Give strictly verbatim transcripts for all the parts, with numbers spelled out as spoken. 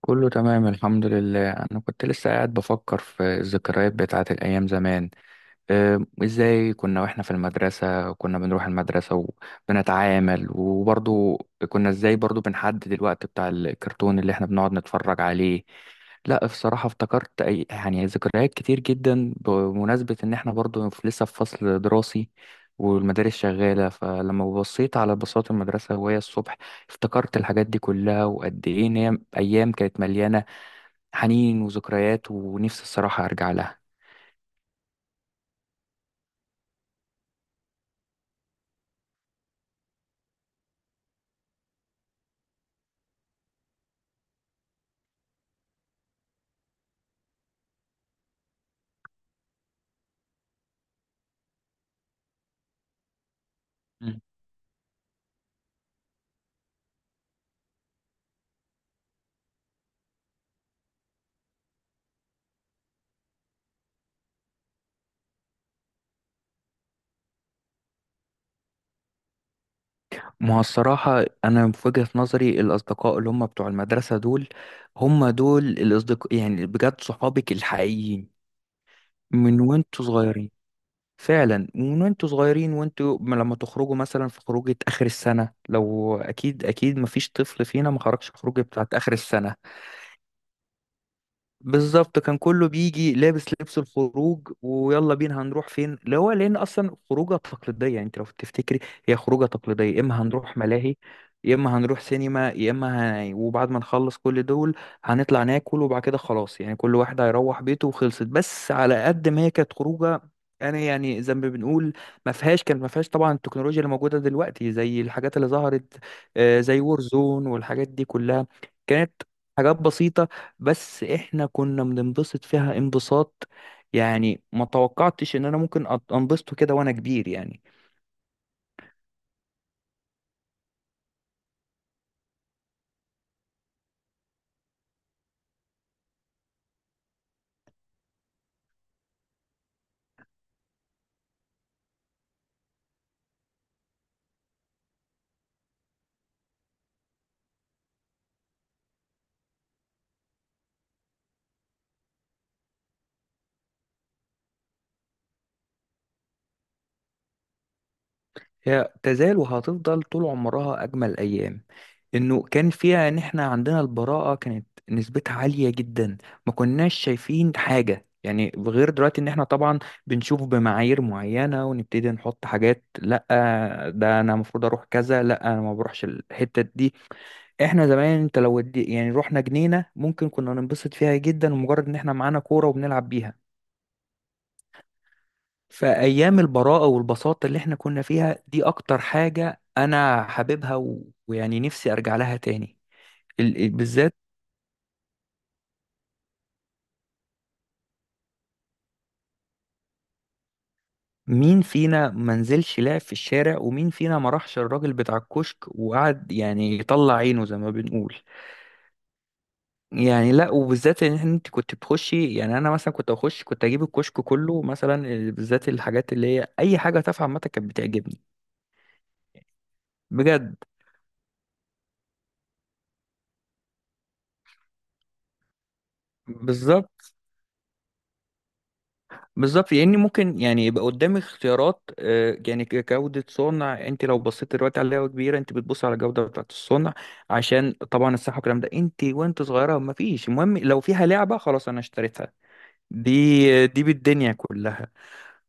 كله تمام الحمد لله، انا كنت لسه قاعد بفكر في الذكريات بتاعت الايام زمان. آه، ازاي كنا واحنا في المدرسة، كنا بنروح المدرسة وبنتعامل، وبرضو كنا ازاي برضو بنحدد الوقت بتاع الكرتون اللي احنا بنقعد نتفرج عليه. لا، بصراحة افتكرت أي يعني ذكريات كتير جدا بمناسبة إن إحنا برضو في- لسه في فصل دراسي والمدارس شغالة، فلما بصيت على بساط المدرسة وهي الصبح افتكرت الحاجات دي كلها، وقد إيه إن هي أيام كانت مليانة حنين وذكريات، ونفسي الصراحة أرجع لها. ما هو الصراحة أنا في وجهة نظري الأصدقاء اللي هم بتوع المدرسة دول هم دول الأصدقاء، يعني بجد صحابك الحقيقيين من وانتوا صغيرين. فعلا من وانتوا صغيرين وانتوا م- لما تخرجوا مثلا في خروجة آخر السنة، لو أكيد أكيد مفيش طفل فينا ما خرجش في خروجة بتاعت آخر السنة. بالظبط، كان كله بيجي لابس لبس الخروج ويلا بينا هنروح فين، اللي هو لان اصلا خروجه تقليديه، يعني انت لو تفتكري هي خروجه تقليديه، يا اما هنروح ملاهي، يا اما هنروح سينما، يا اما ه... وبعد ما نخلص كل دول هنطلع ناكل، وبعد كده خلاص يعني كل واحد هيروح بيته وخلصت. بس على قد ما هي كانت خروجه، انا يعني زي ما بنقول ما فيهاش كانت ما فيهاش طبعا التكنولوجيا اللي موجوده دلوقتي، زي الحاجات اللي ظهرت آه، زي وورزون والحاجات دي كلها. كانت حاجات بسيطة بس احنا كنا بننبسط فيها انبساط، يعني ما توقعتش ان انا ممكن أت- انبسطه كده وانا كبير يعني. هي تزال وهتفضل طول عمرها اجمل ايام، انه كان فيها ان احنا عندنا البراءة كانت نسبتها عالية جدا، ما كناش شايفين حاجة يعني غير دلوقتي ان احنا طبعا بنشوف بمعايير معينة ونبتدي نحط حاجات. لا، ده انا المفروض اروح كذا، لا انا ما بروحش الحتة دي. احنا زمان انت لو ودي يعني رحنا جنينة ممكن كنا ننبسط فيها جدا، ومجرد ان احنا معانا كورة وبنلعب بيها. فايام البراءة والبساطة اللي احنا كنا فيها دي اكتر حاجة انا حاببها، و- ويعني نفسي ارجع لها تاني، ال- ال- بالذات. مين فينا ما نزلش لعب في الشارع، ومين فينا ما راحش الراجل بتاع الكشك وقعد يعني يطلع عينه زي ما بنقول. يعني لا، وبالذات ان إحنا- انت كنت بتخشي، يعني انا مثلا كنت اخش كنت اجيب الكشك كله مثلا. بالذات الحاجات اللي هي اي حاجه تافهه عامه كانت بتعجبني بجد. بالظبط بالظبط، لاني ممكن يعني يبقى قدامي اختيارات، آه، يعني ك- جوده صنع. انت لو بصيت دلوقتي على لعبه كبيره انت بتبص على الجوده بتاعت الصنع، عشان طبعا الصحه والكلام ده. انت وانت صغيره ما فيش، المهم لو فيها لعبه خلاص انا اشتريتها، دي دي بالدنيا كلها.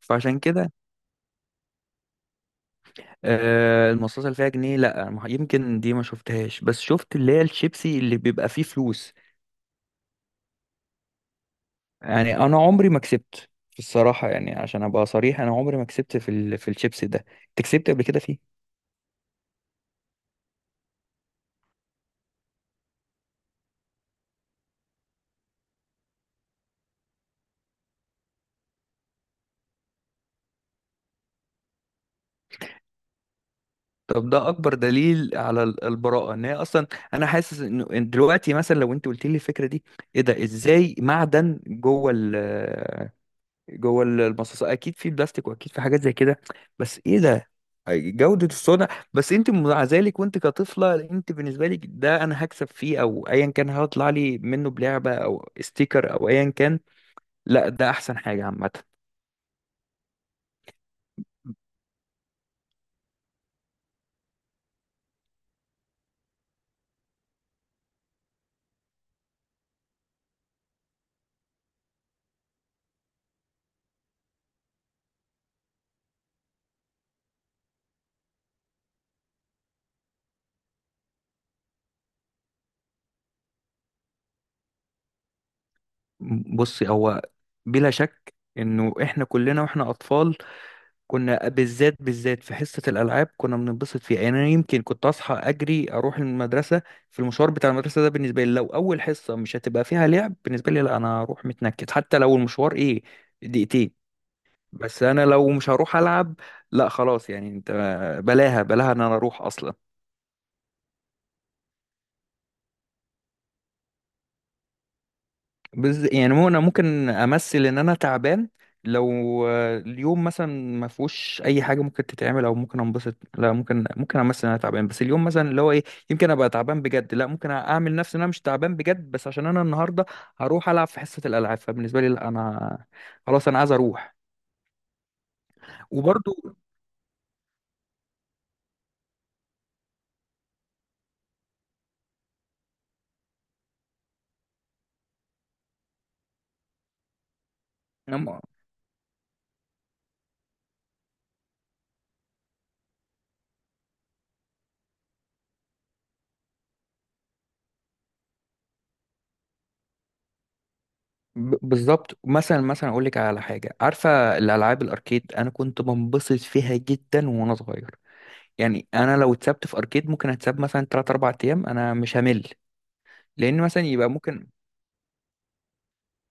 فعشان كده آه، المصاصه اللي فيها جنيه لا ما- يمكن دي ما شفتهاش، بس شفت اللي هي الشيبسي اللي بيبقى فيه فلوس. يعني انا عمري ما كسبت في الصراحه، يعني عشان ابقى صريح انا عمري ما كسبت في ال... في الشيبس ده. انت كسبت قبل كده فيه؟ طب ده اكبر دليل على ال- البراءه ان هي اصلا. انا حاسس انه إن دلوقتي مثلا لو انت قلت لي الفكره دي، ايه ده، ازاي معدن جوه ال جوه ال- المصاصات، اكيد في بلاستيك واكيد في حاجات زي كده، بس ايه ده، جوده الصنع. بس انت مع ذلك وانت كطفله، انت بالنسبه لك ده انا هكسب فيه او ايا كان هطلع لي منه بلعبه او ستيكر او ايا كان، لا ده احسن حاجة عامة. بصي، هو بلا شك انه احنا كلنا واحنا اطفال كنا بالذات بالذات في حصة الالعاب كنا بننبسط فيها. يعني انا يمكن كنت اصحى اجري اروح المدرسة، في المشوار بتاع المدرسة ده بالنسبة لي لو اول حصة مش هتبقى فيها لعب بالنسبة لي لا، انا هروح متنكد حتى لو المشوار ايه، دقيقتين. بس انا لو مش هروح العب، لا خلاص يعني انت، بلاها بلاها ان انا اروح اصلا. بز... يعني مو انا ممكن امثل ان انا تعبان، لو آه، اليوم مثلا ما فيهوش اي حاجه ممكن تتعمل او ممكن انبسط، لا ممكن ممكن امثل ان انا تعبان. بس اليوم مثلا اللي هو ايه، يمكن ابقى تعبان بجد، لا ممكن اعمل نفسي ان انا مش تعبان بجد، بس عشان انا النهارده هروح العب في حصه الالعاب، فبالنسبه لي لا انا، خلاص انا عايز اروح. وبرضو أم- ب- بالظبط. مثلا مثلا اقول لك على حاجه، عارفه الالعاب الاركيد؟ انا كنت بنبسط فيها جدا وانا صغير، يعني انا لو اتسبت في اركيد ممكن اتساب مثلا ثلاثة أربعة ايام انا مش همل. لان مثلا يبقى ممكن،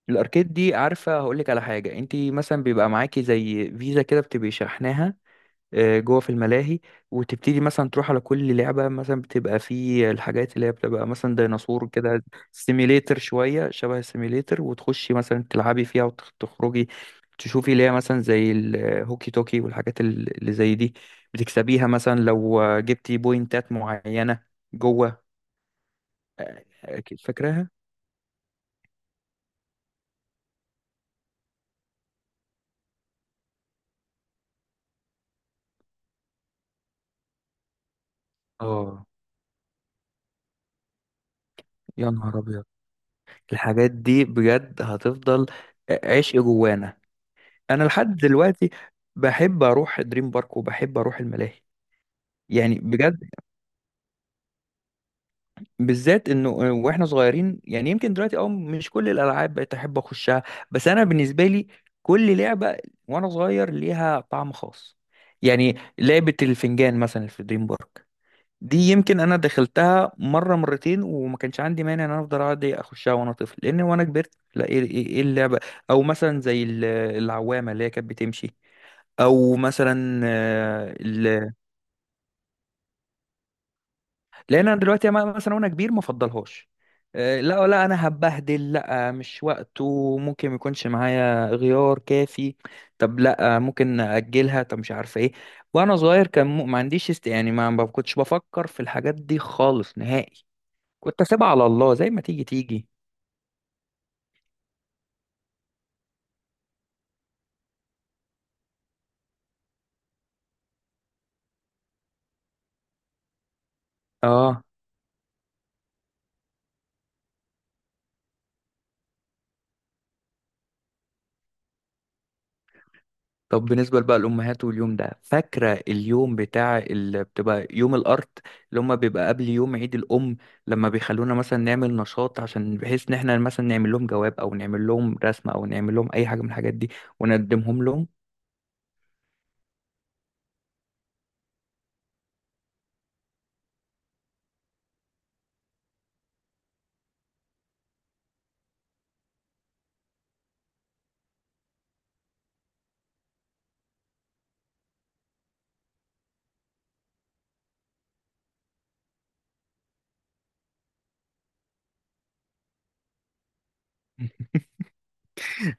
الاركيد دي عارفه هقول لك على حاجه، انت مثلا بيبقى معاكي زي فيزا كده بتبقي شحناها آه، جوه في الملاهي، وتبتدي مثلا تروح على كل لعبة مثلا، بتبقى في الحاجات اللي هي بتبقى مثلا ديناصور كده، سيميليتر شوية، شبه السيميليتر، وتخشي مثلا تلعبي فيها وتخرجي، تشوفي اللي هي مثلا زي الهوكي توكي والحاجات ال- اللي زي دي، بتكسبيها مثلا لو جبتي بوينتات معينة جوه. أكيد فاكراها. اه، يا نهار أبيض. الحاجات دي بجد هتفضل عشق جوانا. انا لحد دلوقتي بحب اروح دريم بارك وبحب اروح الملاهي، يعني بجد، بالذات انه واحنا صغيرين. يعني يمكن دلوقتي اه مش كل الالعاب بقيت احب اخشها، بس انا بالنسبه لي كل لعبه وانا صغير ليها طعم خاص. يعني لعبه الفنجان مثلا في دريم بارك، دي يمكن انا دخلتها مره مرتين وما كانش عندي مانع ان انا افضل اقعد اخشها وانا طفل، لان وانا كبرت لا، ايه إيه- إيه اللعبه، او مثلا زي ال- العوامه اللي هي كانت بتمشي، او مثلا آه، ال- لان انا دلوقتي أما- مثلا وانا كبير ما افضلهاش. آه، لا لا انا هبهدل، لا مش وقته، ممكن ما يكونش معايا غيار كافي، طب لا ممكن اجلها، طب مش عارفه ايه. وانا صغير كان م- ما عنديش است، يعني ما ما كنتش بفكر في الحاجات دي خالص نهائي، كنت اسيبها على الله زي ما تيجي تيجي. اه طب بالنسبة بقى للأمهات، واليوم ده فاكرة اليوم بتاع اللي بتبقى يوم الأرض اللي هما بيبقى قبل يوم عيد الأم، لما بيخلونا مثلا نعمل نشاط عشان بحيث إن إحنا مثلا نعمل لهم جواب أو نعمل لهم رسمة أو نعمل لهم أي حاجة من الحاجات دي ونقدمهم لهم.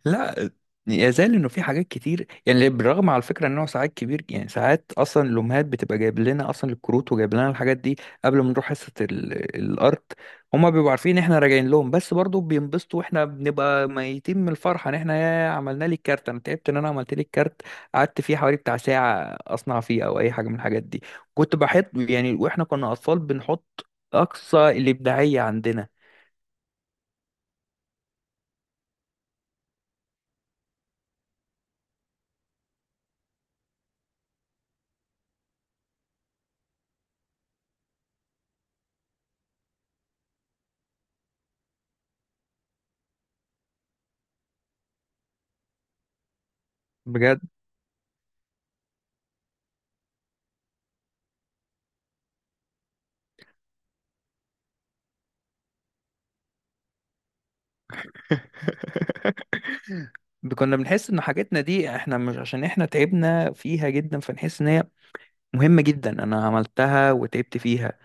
لا يزال انه في حاجات كتير يعني، بالرغم على فكره انه ساعات كبير، يعني ساعات اصلا الامهات بتبقى جايب لنا اصلا الكروت وجايب لنا الحاجات دي قبل ما نروح حصه ال- الارت، هما بيبقوا عارفين احنا راجعين لهم، بس برضو بينبسطوا واحنا بنبقى ميتين من الفرحه ان احنا يا عملنا لي الكارت، انا تعبت ان انا عملت لي الكارت، قعدت فيه حوالي بتاع ساعه اصنع فيه او اي حاجه من الحاجات دي. كنت بحط يعني، واحنا كنا اطفال بنحط اقصى الابداعيه عندنا. بجد. كنا بنحس ان حاجاتنا دي احنا مش عشان احنا تعبنا فيها جدا فنحس ان هي مهمة جدا، انا عملتها وتعبت فيها.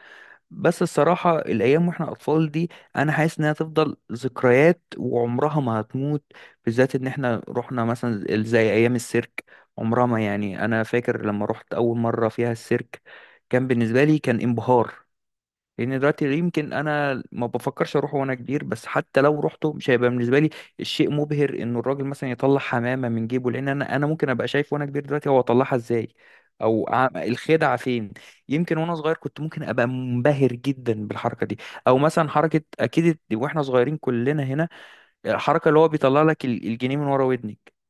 بس الصراحة الايام واحنا اطفال دي، انا حاسس انها تفضل ذكريات وعمرها ما هتموت، بالذات ان احنا رحنا مثلا زي ايام السيرك، عمرها ما، يعني انا فاكر لما رحت اول مرة فيها السيرك كان بالنسبة لي كان انبهار. لان دلوقتي يمكن انا ما بفكرش اروحه وانا كبير، بس حتى لو رحته مش هيبقى بالنسبه لي الشيء مبهر انه الراجل مثلا يطلع حمامه من جيبه، لان انا انا ممكن ابقى شايف وانا كبير دلوقتي هو طلعها ازاي، او ع- الخدعه فين. يمكن وانا صغير كنت ممكن ابقى منبهر جدا بالحركه دي، او مثلا حركه اكيد واحنا صغيرين كلنا هنا، الحركه اللي هو بيطلع لك ال- الجنيه من ورا ودنك.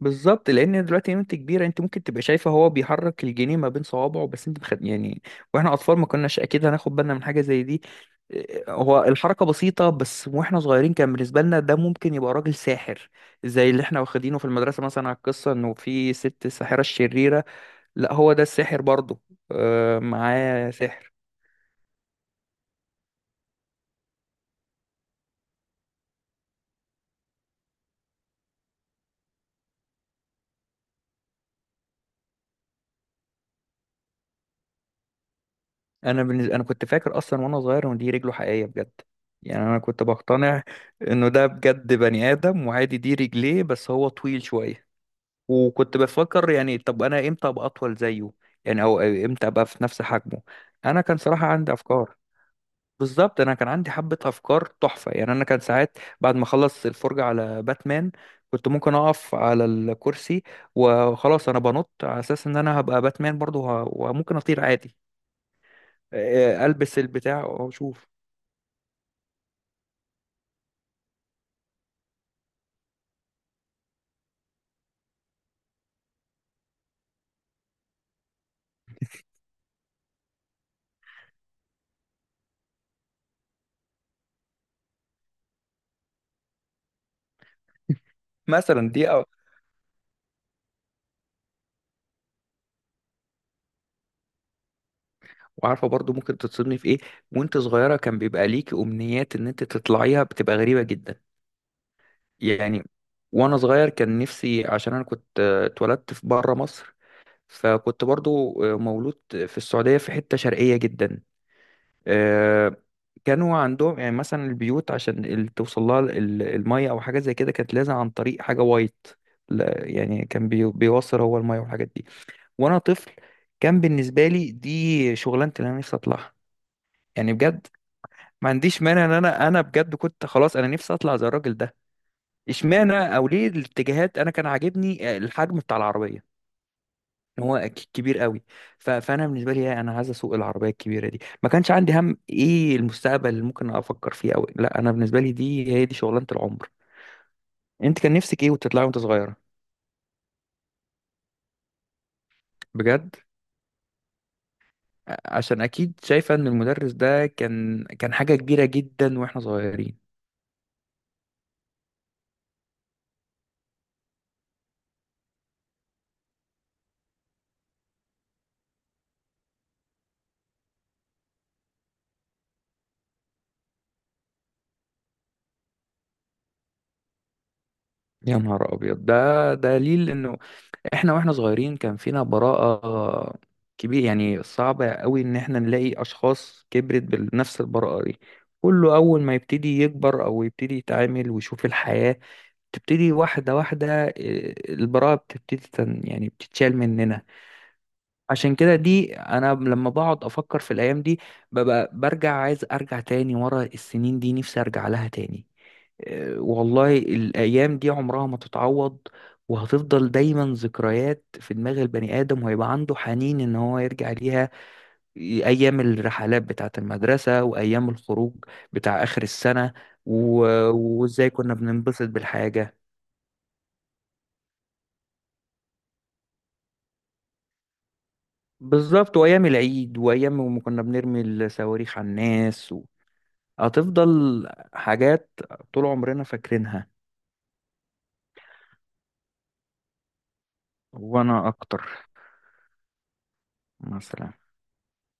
بالظبط، لان دلوقتي وانت كبيره انت ممكن تبقى شايفه هو بيحرك الجنيه ما بين صوابعه، بس انت مخد... يعني واحنا اطفال ما كناش اكيد هناخد بالنا من حاجه زي دي. إيه، هو الحركه بسيطه، بس واحنا صغيرين كان بالنسبه لنا ده ممكن يبقى راجل ساحر، زي اللي احنا واخدينه في المدرسه مثلا على القصه انه في ست الساحره الشريره، لا هو ده الساحر برضه، آه، معاه سحر. انا بالنسبه انا كنت فاكر اصلا وانا صغير ان دي رجله حقيقيه بجد، يعني انا كنت بقتنع انه ده بجد بني ادم وعادي دي رجليه بس هو طويل شويه، وكنت بفكر يعني طب انا امتى ابقى اطول زيه، يعني او امتى ابقى في نفس حجمه. انا كان صراحة عندي افكار، بالظبط انا كان عندي حبة افكار تحفة. يعني انا كان ساعات بعد ما اخلص الفرجة على باتمان كنت ممكن اقف على الكرسي، وخلاص انا بنط على اساس ان انا هبقى باتمان برضه، وه- وممكن اطير عادي. آه، البس البتاع واشوف. مثلا دي أو- وعارفة برضه ممكن تتصدمي في ايه وانت صغيرة، كان بيبقى ليكي امنيات ان انت تطلعيها بتبقى غريبة جدا يعني. وانا صغير كان نفسي، عشان انا كنت آه، اتولدت في بره مصر، فكنت برضو آه، مولود في السعودية في حتة شرقية جدا. آه، كانوا عندهم يعني مثلا البيوت عشان ال- توصل لها ال- المية او حاجة زي كده كانت لازم عن طريق حاجة وايت. لا، يعني كان بي- بيوصل هو المية والحاجات دي. وانا طفل كان بالنسبة لي دي شغلانة اللي انا نفسي اطلعها. يعني بجد ما عنديش مانع ان انا انا بجد كنت خلاص انا نفسي اطلع زي الراجل ده، اشمعنى او ليه الاتجاهات. انا كان عاجبني آه، الحجم بتاع العربيه، إن هو ك- كبير قوي، ف- فانا بالنسبه لي لا، انا عايز اسوق العربيه الكبيره دي. ما كانش عندي هم ايه المستقبل اللي ممكن افكر فيه او لا، انا بالنسبه لي دي هي دي شغلانه العمر. انت كان نفسك ايه وتطلعي وانت صغيره؟ بجد؟ ع- عشان اكيد شايفه ان المدرس ده كان كان حاجه كبيره جدا واحنا صغيرين. يا نهار ابيض، ده دليل انه احنا واحنا صغيرين كان فينا براءة كبير. يعني صعبة قوي ان احنا نلاقي اشخاص كبرت بنفس البراءة دي، كله اول ما يبتدي يكبر او يبتدي يتعامل ويشوف الحياة تبتدي واحدة واحدة، إيه، البراءة بتبتدي تن يعني بتتشال مننا. عشان كده دي أنا لما بقعد أفكر في الأيام دي ببقى برجع عايز أرجع تاني ورا السنين دي، نفسي أرجع لها تاني. آه، والله الأيام دي عمرها ما تتعوض، وهتفضل دايما ذكريات في دماغ البني آدم، وهيبقى عنده حنين إن هو يرجع ليها، أيام الرحلات بتاعة المدرسة وأيام الخروج بتاع آخر السنة، و- وإزاي كنا بننبسط بالحاجة. بالظبط، وأيام العيد وأيام ما كنا بنرمي الصواريخ على الناس و... هتفضل حاجات طول عمرنا فاكرينها. وأنا أكتر مثلا